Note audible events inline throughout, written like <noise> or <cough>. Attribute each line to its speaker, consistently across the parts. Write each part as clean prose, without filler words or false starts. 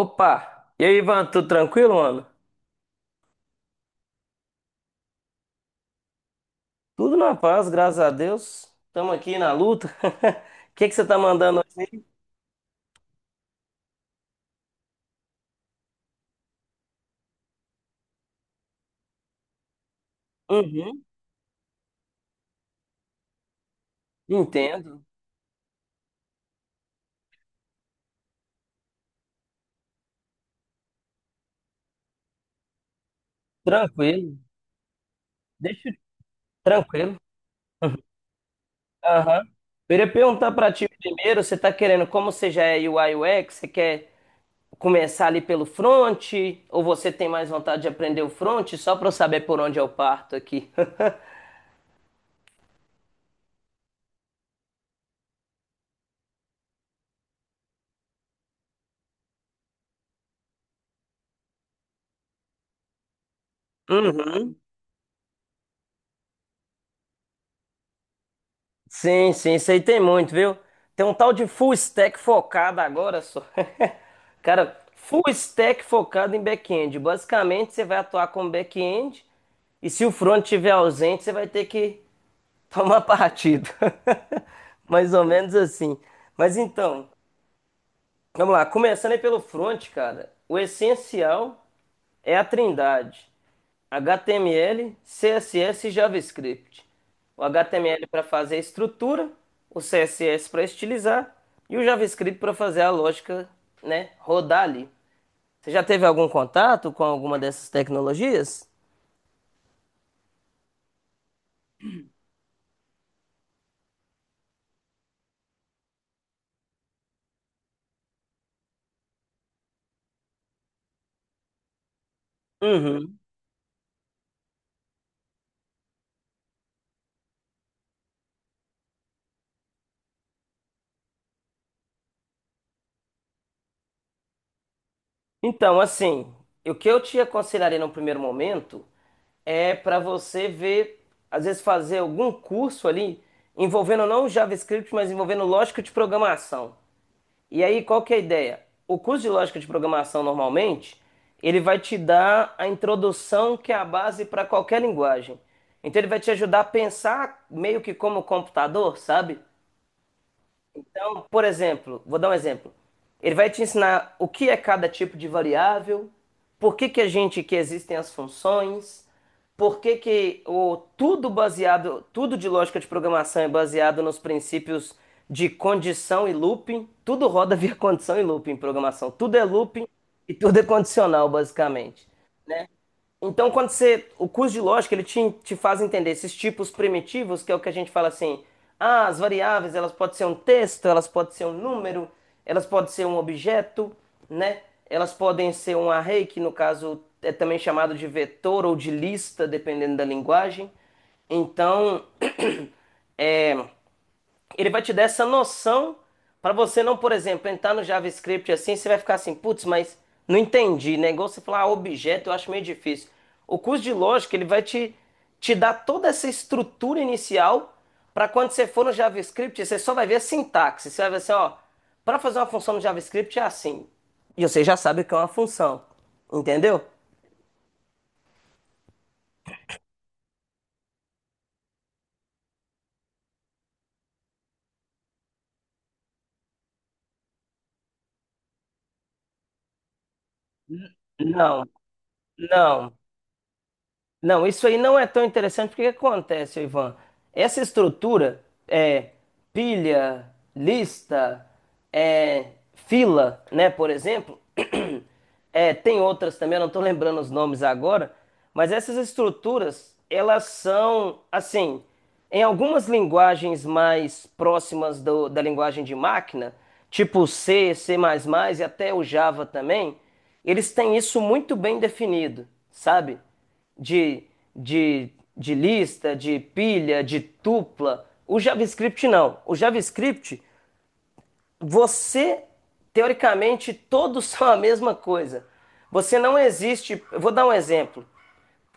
Speaker 1: Opa! E aí, Ivan, tudo tranquilo, mano? Tudo na paz, graças a Deus. Estamos aqui na luta. <laughs> O que que você tá mandando hoje? Aí? Uhum, entendo. Tranquilo. Deixa eu- tranquilo. Aham. Eu iria perguntar pra ti primeiro, você tá querendo, como você já é UI UX, você quer começar ali pelo front ou você tem mais vontade de aprender o front? Só pra eu saber por onde eu parto aqui. <laughs> Uhum. Sim, sim, isso aí tem muito, viu? Tem um tal de full stack focado agora só. <laughs> Cara, full stack focado em back-end. Basicamente, você vai atuar como back-end e se o front estiver ausente, você vai ter que tomar <laughs> partido. <laughs> Mais ou menos assim. Mas então, vamos lá. Começando aí pelo front, cara. O essencial é a trindade. HTML, CSS e JavaScript. O HTML para fazer a estrutura, o CSS para estilizar e o JavaScript para fazer a lógica, né, rodar ali. Você já teve algum contato com alguma dessas tecnologias? Uhum. Então, assim, o que eu te aconselharia no primeiro momento é para você ver, às vezes fazer algum curso ali envolvendo não o JavaScript, mas envolvendo lógica de programação. E aí, qual que é a ideia? O curso de lógica de programação, normalmente, ele vai te dar a introdução que é a base para qualquer linguagem. Então, ele vai te ajudar a pensar meio que como computador, sabe? Então, por exemplo, vou dar um exemplo. Ele vai te ensinar o que é cada tipo de variável, por que que a gente que existem as funções, por que que o tudo baseado, tudo de lógica de programação é baseado nos princípios de condição e looping, tudo roda <laughs> via condição e looping em programação, tudo é looping e tudo é condicional basicamente. Então, quando você, o curso de lógica, ele te faz entender esses tipos primitivos, que é o que a gente fala assim, ah, as variáveis, elas podem ser um texto, elas podem ser um número, elas podem ser um objeto, né? Elas podem ser um array, que no caso é também chamado de vetor ou de lista, dependendo da linguagem. Então, ele vai te dar essa noção para você não, por exemplo, entrar no JavaScript assim, você vai ficar assim, putz, mas não entendi, né? Igual você falar ah, objeto, eu acho meio difícil. O curso de lógica, ele vai te dar toda essa estrutura inicial para quando você for no JavaScript, você só vai ver a sintaxe. Você vai ver assim, ó, para fazer uma função no JavaScript é assim. E você já sabe o que é uma função, entendeu? Não, não. Não, isso aí não é tão interessante porque o que acontece, Ivan? Essa estrutura é pilha, lista, é, fila, né, por exemplo. <clears throat> É, tem outras também, eu não estou lembrando os nomes agora, mas essas estruturas, elas são, assim, em algumas linguagens mais próximas da linguagem de máquina, tipo C, C++ e até o Java também, eles têm isso muito bem definido, sabe? de, de, de lista, de pilha, de tupla. O JavaScript não. O JavaScript, você, teoricamente, todos <laughs> são a mesma coisa. Você não existe. Eu vou dar um exemplo,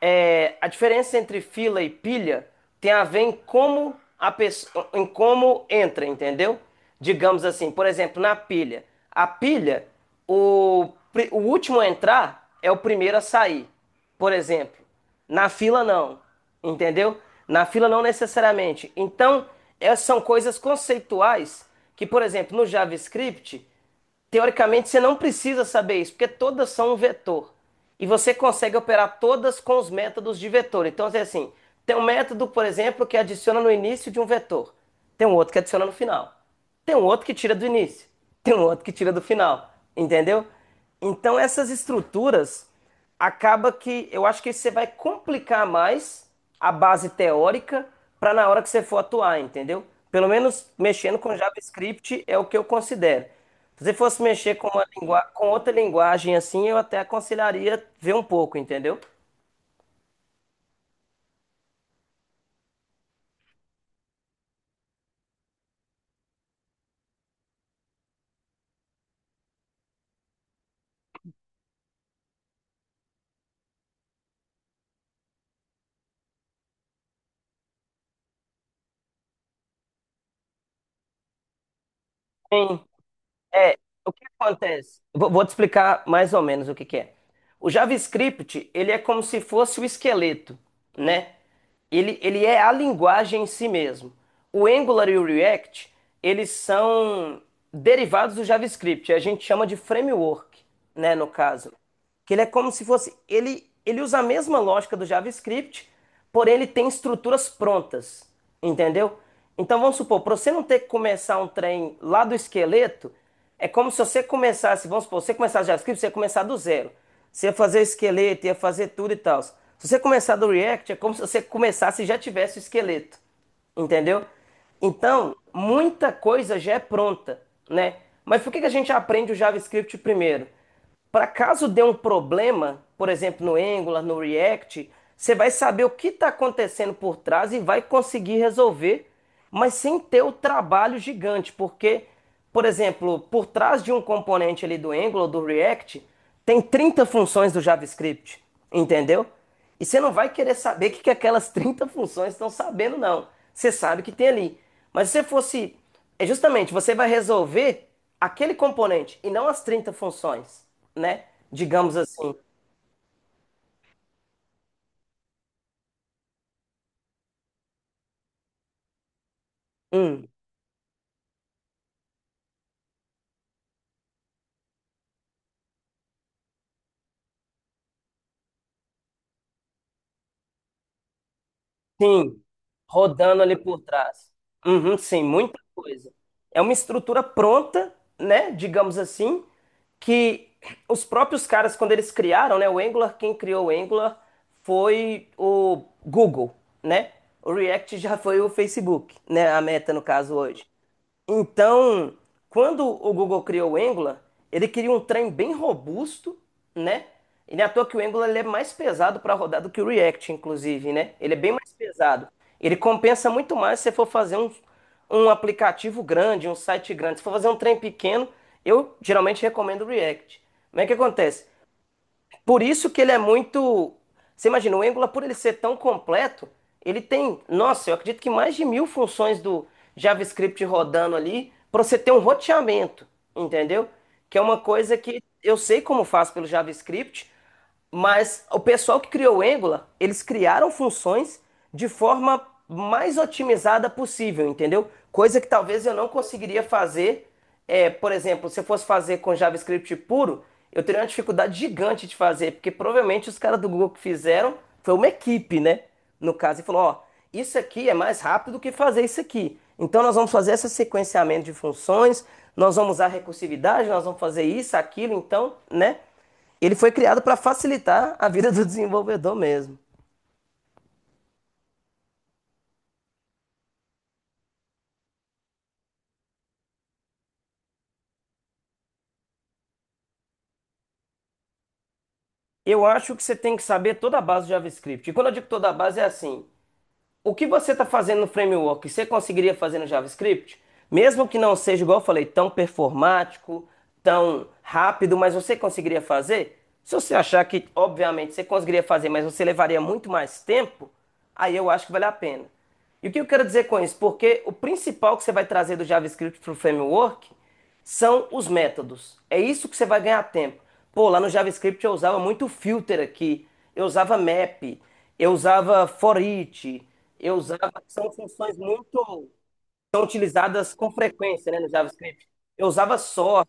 Speaker 1: é, a diferença entre fila e pilha tem a ver em como a pessoa, em como entra, entendeu? Digamos assim, por exemplo, na pilha. A pilha, o, o último a entrar é o primeiro a sair, por exemplo. Na fila, não, entendeu? Na fila, não necessariamente. Então, essas são coisas conceituais que, por exemplo, no JavaScript, teoricamente, você não precisa saber isso, porque todas são um vetor. E você consegue operar todas com os métodos de vetor. Então, é assim, tem um método, por exemplo, que adiciona no início de um vetor. Tem um outro que adiciona no final. Tem um outro que tira do início. Tem um outro que tira do final. Entendeu? Então, essas estruturas acaba que eu acho que você vai complicar mais a base teórica para na hora que você for atuar, entendeu? Pelo menos mexendo com JavaScript é o que eu considero. Se você fosse mexer com uma com outra linguagem assim, eu até aconselharia ver um pouco, entendeu? Sim. É, o que acontece? Vou te explicar mais ou menos o que que é. O JavaScript, ele é como se fosse o esqueleto, né? Ele é a linguagem em si mesmo. O Angular e o React, eles são derivados do JavaScript. A gente chama de framework, né, no caso. Que ele é como se fosse. Ele usa a mesma lógica do JavaScript, porém ele tem estruturas prontas. Entendeu? Então vamos supor, para você não ter que começar um trem lá do esqueleto, é como se você começasse, vamos supor, você começasse JavaScript, você ia começar do zero. Você ia fazer esqueleto, ia fazer tudo e tal. Se você começar do React, é como se você começasse e já tivesse o esqueleto. Entendeu? Então, muita coisa já é pronta, né? Mas por que que a gente aprende o JavaScript primeiro? Para caso dê um problema, por exemplo, no Angular, no React, você vai saber o que está acontecendo por trás e vai conseguir resolver, mas sem ter o trabalho gigante, porque, por exemplo, por trás de um componente ali do Angular, do React, tem 30 funções do JavaScript, entendeu? E você não vai querer saber o que, que aquelas 30 funções estão sabendo, não. Você sabe o que tem ali. Mas se você fosse é justamente, você vai resolver aquele componente e não as 30 funções, né? Digamos assim. Hum, Sim, rodando ali por trás. Uhum, sim, muita coisa. É uma estrutura pronta, né? Digamos assim, que os próprios caras, quando eles criaram, né? O Angular, quem criou o Angular foi o Google, né? O React já foi o Facebook, né? A Meta, no caso, hoje. Então, quando o Google criou o Angular, ele queria um trem bem robusto, né? E não é à toa que o Angular ele é mais pesado para rodar do que o React, inclusive, né? Ele é bem mais pesado. Ele compensa muito mais se você for fazer um aplicativo grande, um site grande. Se for fazer um trem pequeno, eu geralmente recomendo o React. Como é que acontece? Por isso que ele é muito. Você imagina, o Angular, por ele ser tão completo, ele tem, nossa, eu acredito que mais de 1.000 funções do JavaScript rodando ali para você ter um roteamento, entendeu? Que é uma coisa que eu sei como faz pelo JavaScript. Mas o pessoal que criou o Angular, eles criaram funções de forma mais otimizada possível, entendeu? Coisa que talvez eu não conseguiria fazer, é, por exemplo, se eu fosse fazer com JavaScript puro, eu teria uma dificuldade gigante de fazer, porque provavelmente os caras do Google que fizeram foi uma equipe, né? No caso, e falou, ó, isso aqui é mais rápido do que fazer isso aqui. Então nós vamos fazer esse sequenciamento de funções, nós vamos usar recursividade, nós vamos fazer isso, aquilo, então, né? Ele foi criado para facilitar a vida do desenvolvedor mesmo. Eu acho que você tem que saber toda a base do JavaScript. E quando eu digo toda a base, é assim: o que você está fazendo no framework, você conseguiria fazer no JavaScript? Mesmo que não seja, igual eu falei, tão performático, tão rápido, mas você conseguiria fazer? Se você achar que, obviamente, você conseguiria fazer, mas você levaria muito mais tempo, aí eu acho que vale a pena. E o que eu quero dizer com isso? Porque o principal que você vai trazer do JavaScript para o framework são os métodos. É isso que você vai ganhar tempo. Pô, lá no JavaScript eu usava muito filter aqui, eu usava map, eu usava for each, eu usava. São funções muito. São utilizadas com frequência, né, no JavaScript. Eu usava sort.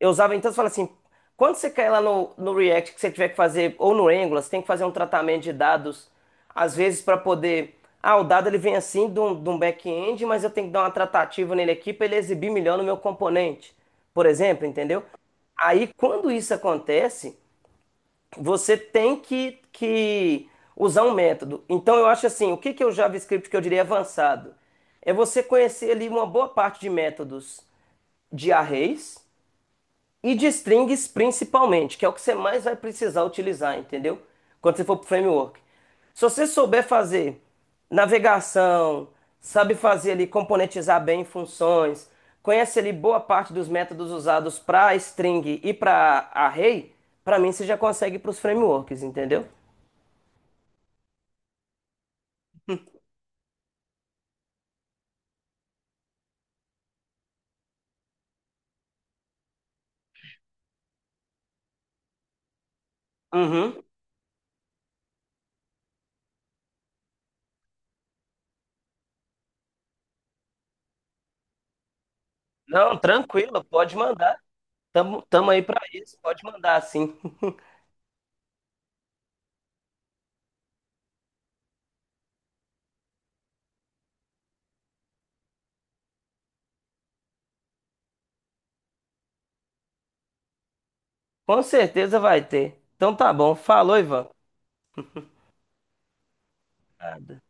Speaker 1: Eu usava então, você fala assim, quando você cai lá no React, que você tiver que fazer, ou no Angular, você tem que fazer um tratamento de dados, às vezes para poder, ah, o dado ele vem assim de um back-end, mas eu tenho que dar uma tratativa nele aqui para ele exibir melhor no meu componente, por exemplo, entendeu? Aí, quando isso acontece, você tem que usar um método. Então, eu acho assim, o que que é o JavaScript que eu diria avançado? É você conhecer ali uma boa parte de métodos de arrays, e de strings principalmente, que é o que você mais vai precisar utilizar, entendeu? Quando você for para o framework. Se você souber fazer navegação, sabe fazer ali componentizar bem funções, conhece ali boa parte dos métodos usados para string e para array, para mim você já consegue para os frameworks, entendeu? Uhum. Não, tranquilo, pode mandar. Tamo, tamo aí para isso, pode mandar sim. <laughs> Com certeza vai ter. Então tá bom, falou, Ivan. Nada.